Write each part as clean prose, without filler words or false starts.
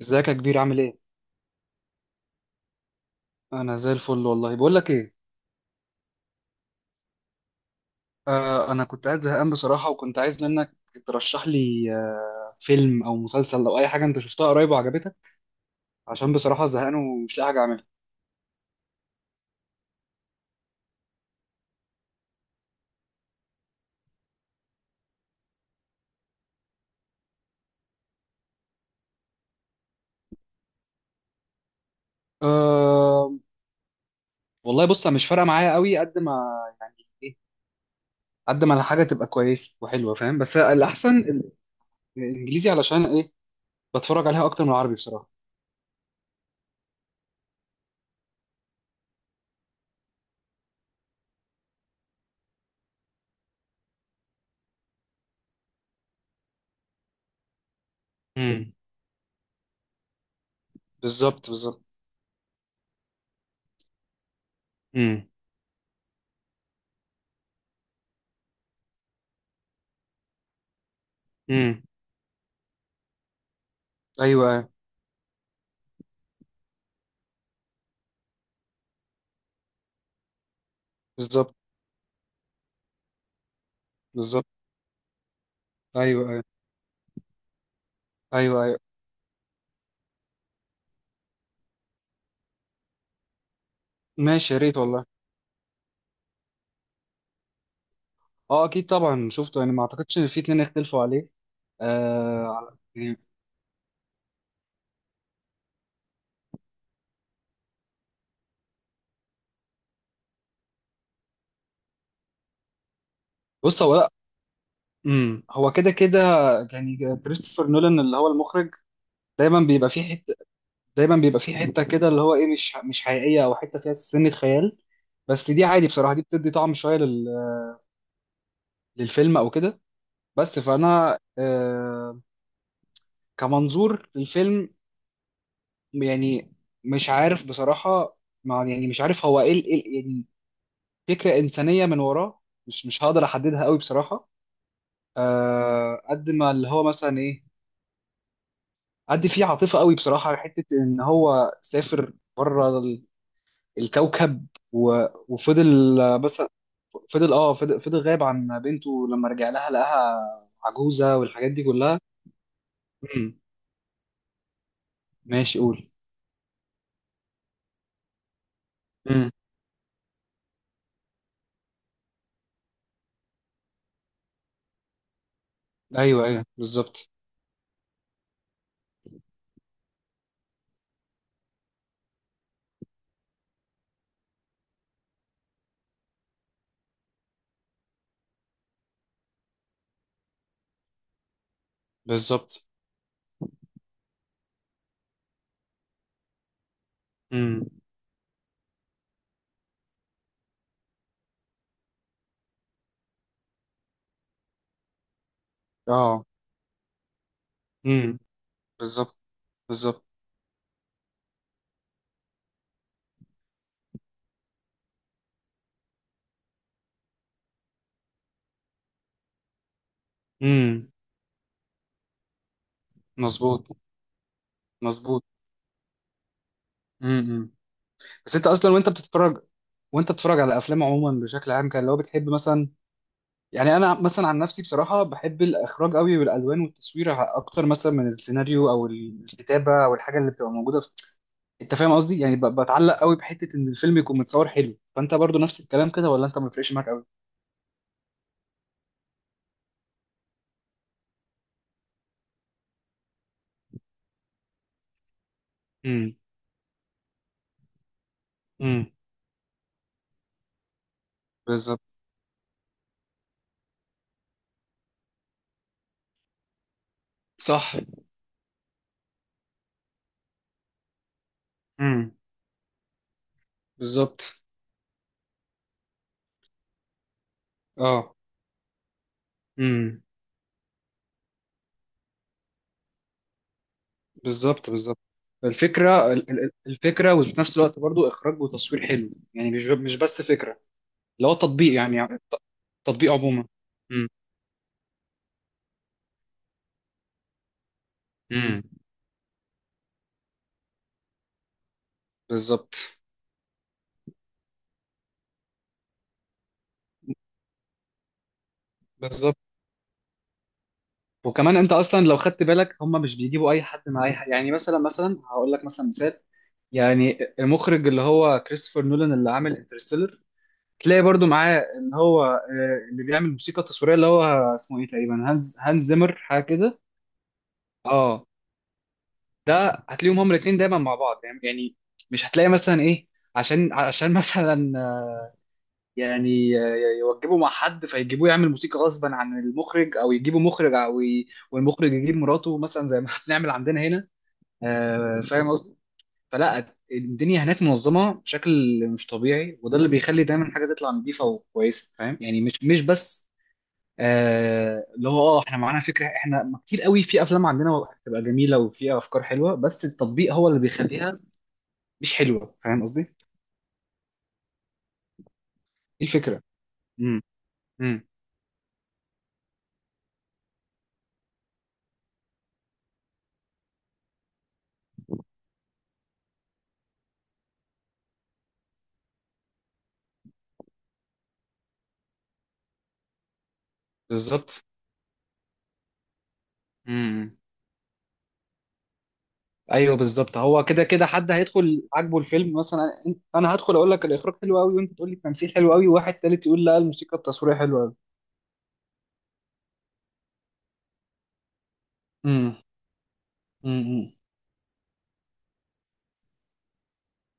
ازيك يا كبير، عامل ايه؟ انا زي الفل والله. بقول لك ايه، انا كنت قاعد زهقان بصراحة، وكنت عايز منك ترشح لي فيلم او مسلسل او اي حاجة انت شفتها قريب وعجبتك، عشان بصراحة زهقان ومش لاقي حاجة اعملها. آه والله بص، أنا مش فارقة معايا قوي قد ما يعني ايه، قد ما الحاجة تبقى كويسة وحلوة فاهم، بس الاحسن الانجليزي، علشان ايه؟ بتفرج عليها اكتر من العربي بصراحة. امم. بالظبط، بالظبط. امم. امم. ايوه، ايوه. بالظبط، بالظبط. ايوه، ايوه. ايوه، ايوه. ماشي، يا ريت والله. اه، اكيد طبعا، شفته يعني، ما اعتقدش ان في اتنين يختلفوا عليه. يعني بص، هو لا. امم. هو كده كده يعني، كريستوفر نولان اللي هو المخرج دايما بيبقى فيه حته دايما بيبقى فيه حته كده، اللي هو ايه، مش حقيقيه، او حته فيها سنه خيال. بس دي عادي بصراحه، دي بتدي طعم شويه للفيلم او كده. بس فانا كمنظور للفيلم، يعني مش عارف بصراحه. مع، يعني مش عارف هو ايه، يعني فكره انسانيه من وراه، مش هقدر احددها قوي بصراحه. قد ما اللي هو مثلا ايه، قد فيه عاطفه قوي بصراحه، حته ان هو سافر بره الكوكب، و- وفضل، مثلا، فضل غايب عن بنته، لما رجع لها لقاها عجوزه والحاجات دي كلها. امم. ماشي، قول. امم. ايوه، ايوه. بالظبط، بالظبط. امم. اه. امم. بالظبط، بالظبط. امم. مظبوط. مظبوط. امم. بس انت اصلا وانت بتتفرج على افلام عموما بشكل عام، كان لو بتحب مثلا يعني، انا مثلا عن نفسي بصراحه بحب الاخراج قوي والالوان والتصوير، اكتر مثلا من السيناريو او الكتابه او الحاجه اللي بتبقى موجوده انت فاهم قصدي، يعني بتعلق قوي بحته ان الفيلم يكون متصور حلو. فانت برضو نفس الكلام كده، ولا انت ما بيفرقش معاك قوي؟ امم. امم. بالظبط. صح. امم. بالظبط. اه. امم. بالظبط، بالظبط. الفكره، وفي نفس الوقت برضو اخراج وتصوير حلو، يعني مش بس فكره. اللي هو التطبيق، يعني التطبيق عموما. امم. امم. بالظبط، بالظبط. وكمان انت اصلا لو خدت بالك، هم مش بيجيبوا اي حد مع اي حد، يعني مثلا، هقول لك مثلا مثال، يعني المخرج اللي هو كريستوفر نولان اللي عامل انترستيلر، تلاقي برضو معاه اللي هو اللي بيعمل موسيقى تصويريه، اللي هو اسمه ايه تقريبا، هانز زيمر، حاجه كده. اه، ده هتلاقيهم هما الاثنين دايما مع بعض، يعني مش هتلاقي مثلا ايه، عشان مثلا، يعني يوجبوا مع حد فيجيبوه يعمل موسيقى غصبا عن المخرج، او يجيبوا مخرج او والمخرج يجيب مراته مثلا، زي ما بنعمل عندنا هنا. فاهم قصدي؟ فلا، الدنيا هناك منظمه بشكل مش طبيعي، وده اللي بيخلي دايما حاجه تطلع نظيفه وكويسه. فاهم يعني؟ مش بس اللي هو، احنا معانا فكره، احنا كتير قوي في افلام عندنا بتبقى جميله وفيها افكار حلوه، بس التطبيق هو اللي بيخليها مش حلوه. فاهم قصدي؟ دي الفكره. امم. امم. بالظبط. امم. ايوه، بالظبط. هو كده كده حد هيدخل عاجبه الفيلم مثلا. انا هدخل اقول لك الاخراج حلو قوي، وانت تقول لي التمثيل حلو قوي، وواحد تالت يقول لا، الموسيقى التصويريه حلوه قوي. امم. امم.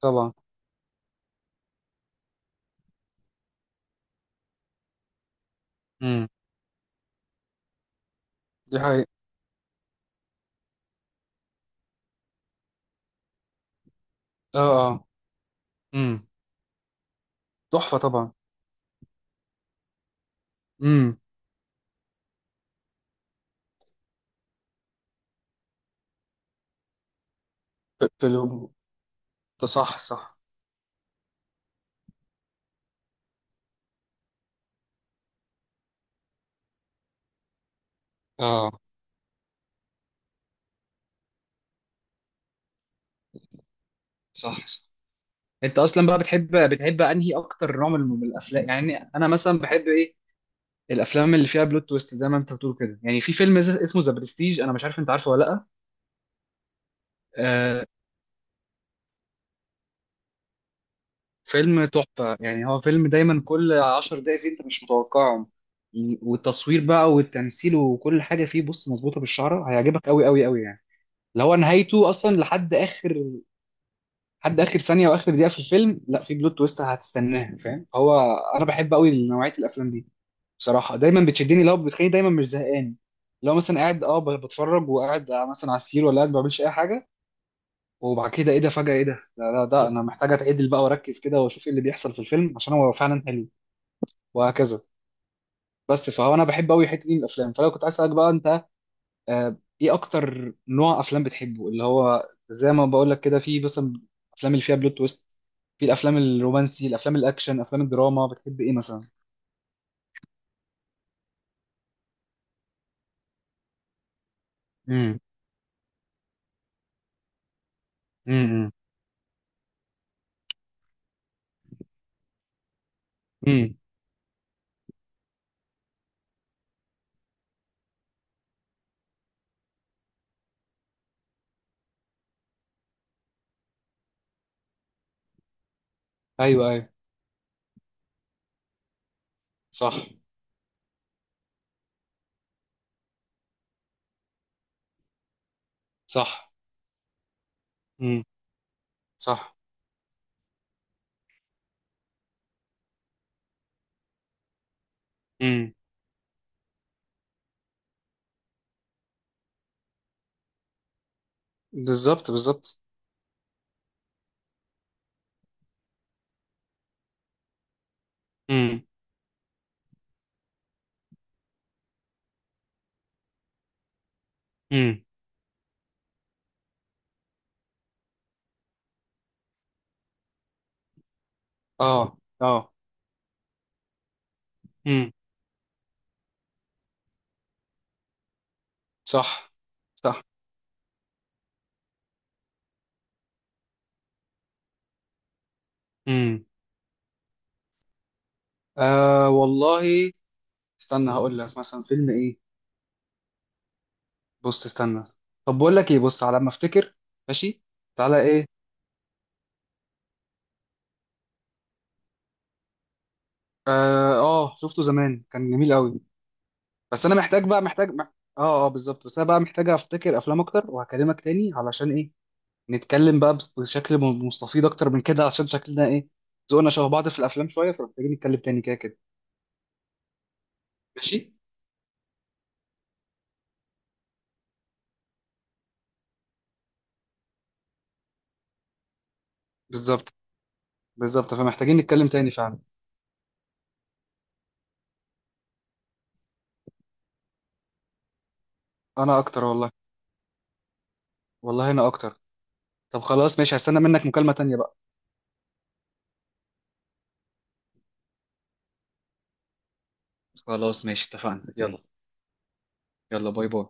طبعا. امم. دي حقيقة. اه، اه. امم. تحفه طبعا. امم. فيلم. ده صح، صح. اه. صح، صح. انت اصلا بقى بتحب انهي اكتر نوع من الافلام؟ يعني انا مثلا بحب ايه، الافلام اللي فيها بلوت تويست زي ما انت بتقول كده، يعني في فيلم اسمه ذا برستيج، انا مش عارف انت عارفه ولا لا. آه، فيلم تحفة يعني، هو فيلم دايما كل 10 دقايق فيه انت مش متوقعهم، يعني. والتصوير بقى والتمثيل وكل حاجة فيه، بص مظبوطة بالشعرة، هيعجبك قوي قوي قوي يعني. اللي هو نهايته اصلا، لحد اخر ثانية واخر دقيقة في الفيلم، لا، في بلوت تويست هتستناها. فاهم؟ هو انا بحب قوي نوعية الافلام دي بصراحة، دايما بتشدني، لو بتخليني دايما مش زهقان. لو مثلا قاعد بتفرج وقاعد مثلا على السرير، ولا قاعد ما بعملش اي حاجة، وبعد كده ايه ده، فجأة ايه ده، لا لا، ده انا محتاج اتعدل بقى واركز كده واشوف ايه اللي بيحصل في الفيلم، عشان هو فعلا حلو، وهكذا. بس فهو انا بحب قوي الحتة دي من الافلام. فلو كنت عايز اسالك بقى انت، آه، ايه اكتر نوع افلام بتحبه؟ اللي هو زي ما بقول لك كده، في مثلا افلام اللي فيها بلوت تويست، في الافلام الرومانسي، الافلام الاكشن، افلام الدراما، بتحب ايه مثلا؟ امم. امم. امم. ايوه، ايوه. صح، صح. امم. صح. امم. بالظبط، بالظبط. امم. امم. اه، اه. صح، صح. امم. والله استنى هقول لك مثلا فيلم ايه. بص، استنى. طب بقول لك ايه، بص، على ما افتكر. ماشي. تعالى ايه. اه، شفته زمان كان جميل قوي. بس انا محتاج بقى، اه، اه، بالظبط. بس انا بقى محتاج افتكر افلام اكتر وهكلمك تاني، علشان ايه، نتكلم بقى بشكل مستفيض اكتر من كده، عشان شكلنا ايه، ذوقنا شبه بعض في الافلام شويه. فمحتاجين نتكلم تاني كده كده. ماشي. بالظبط، بالظبط. فمحتاجين نتكلم تاني فعلا. انا اكتر والله. والله انا اكتر. طب خلاص ماشي، هستنى منك مكالمة تانية بقى. خلاص، ماشي، اتفقنا، اوكي، يلا. يلا باي باي.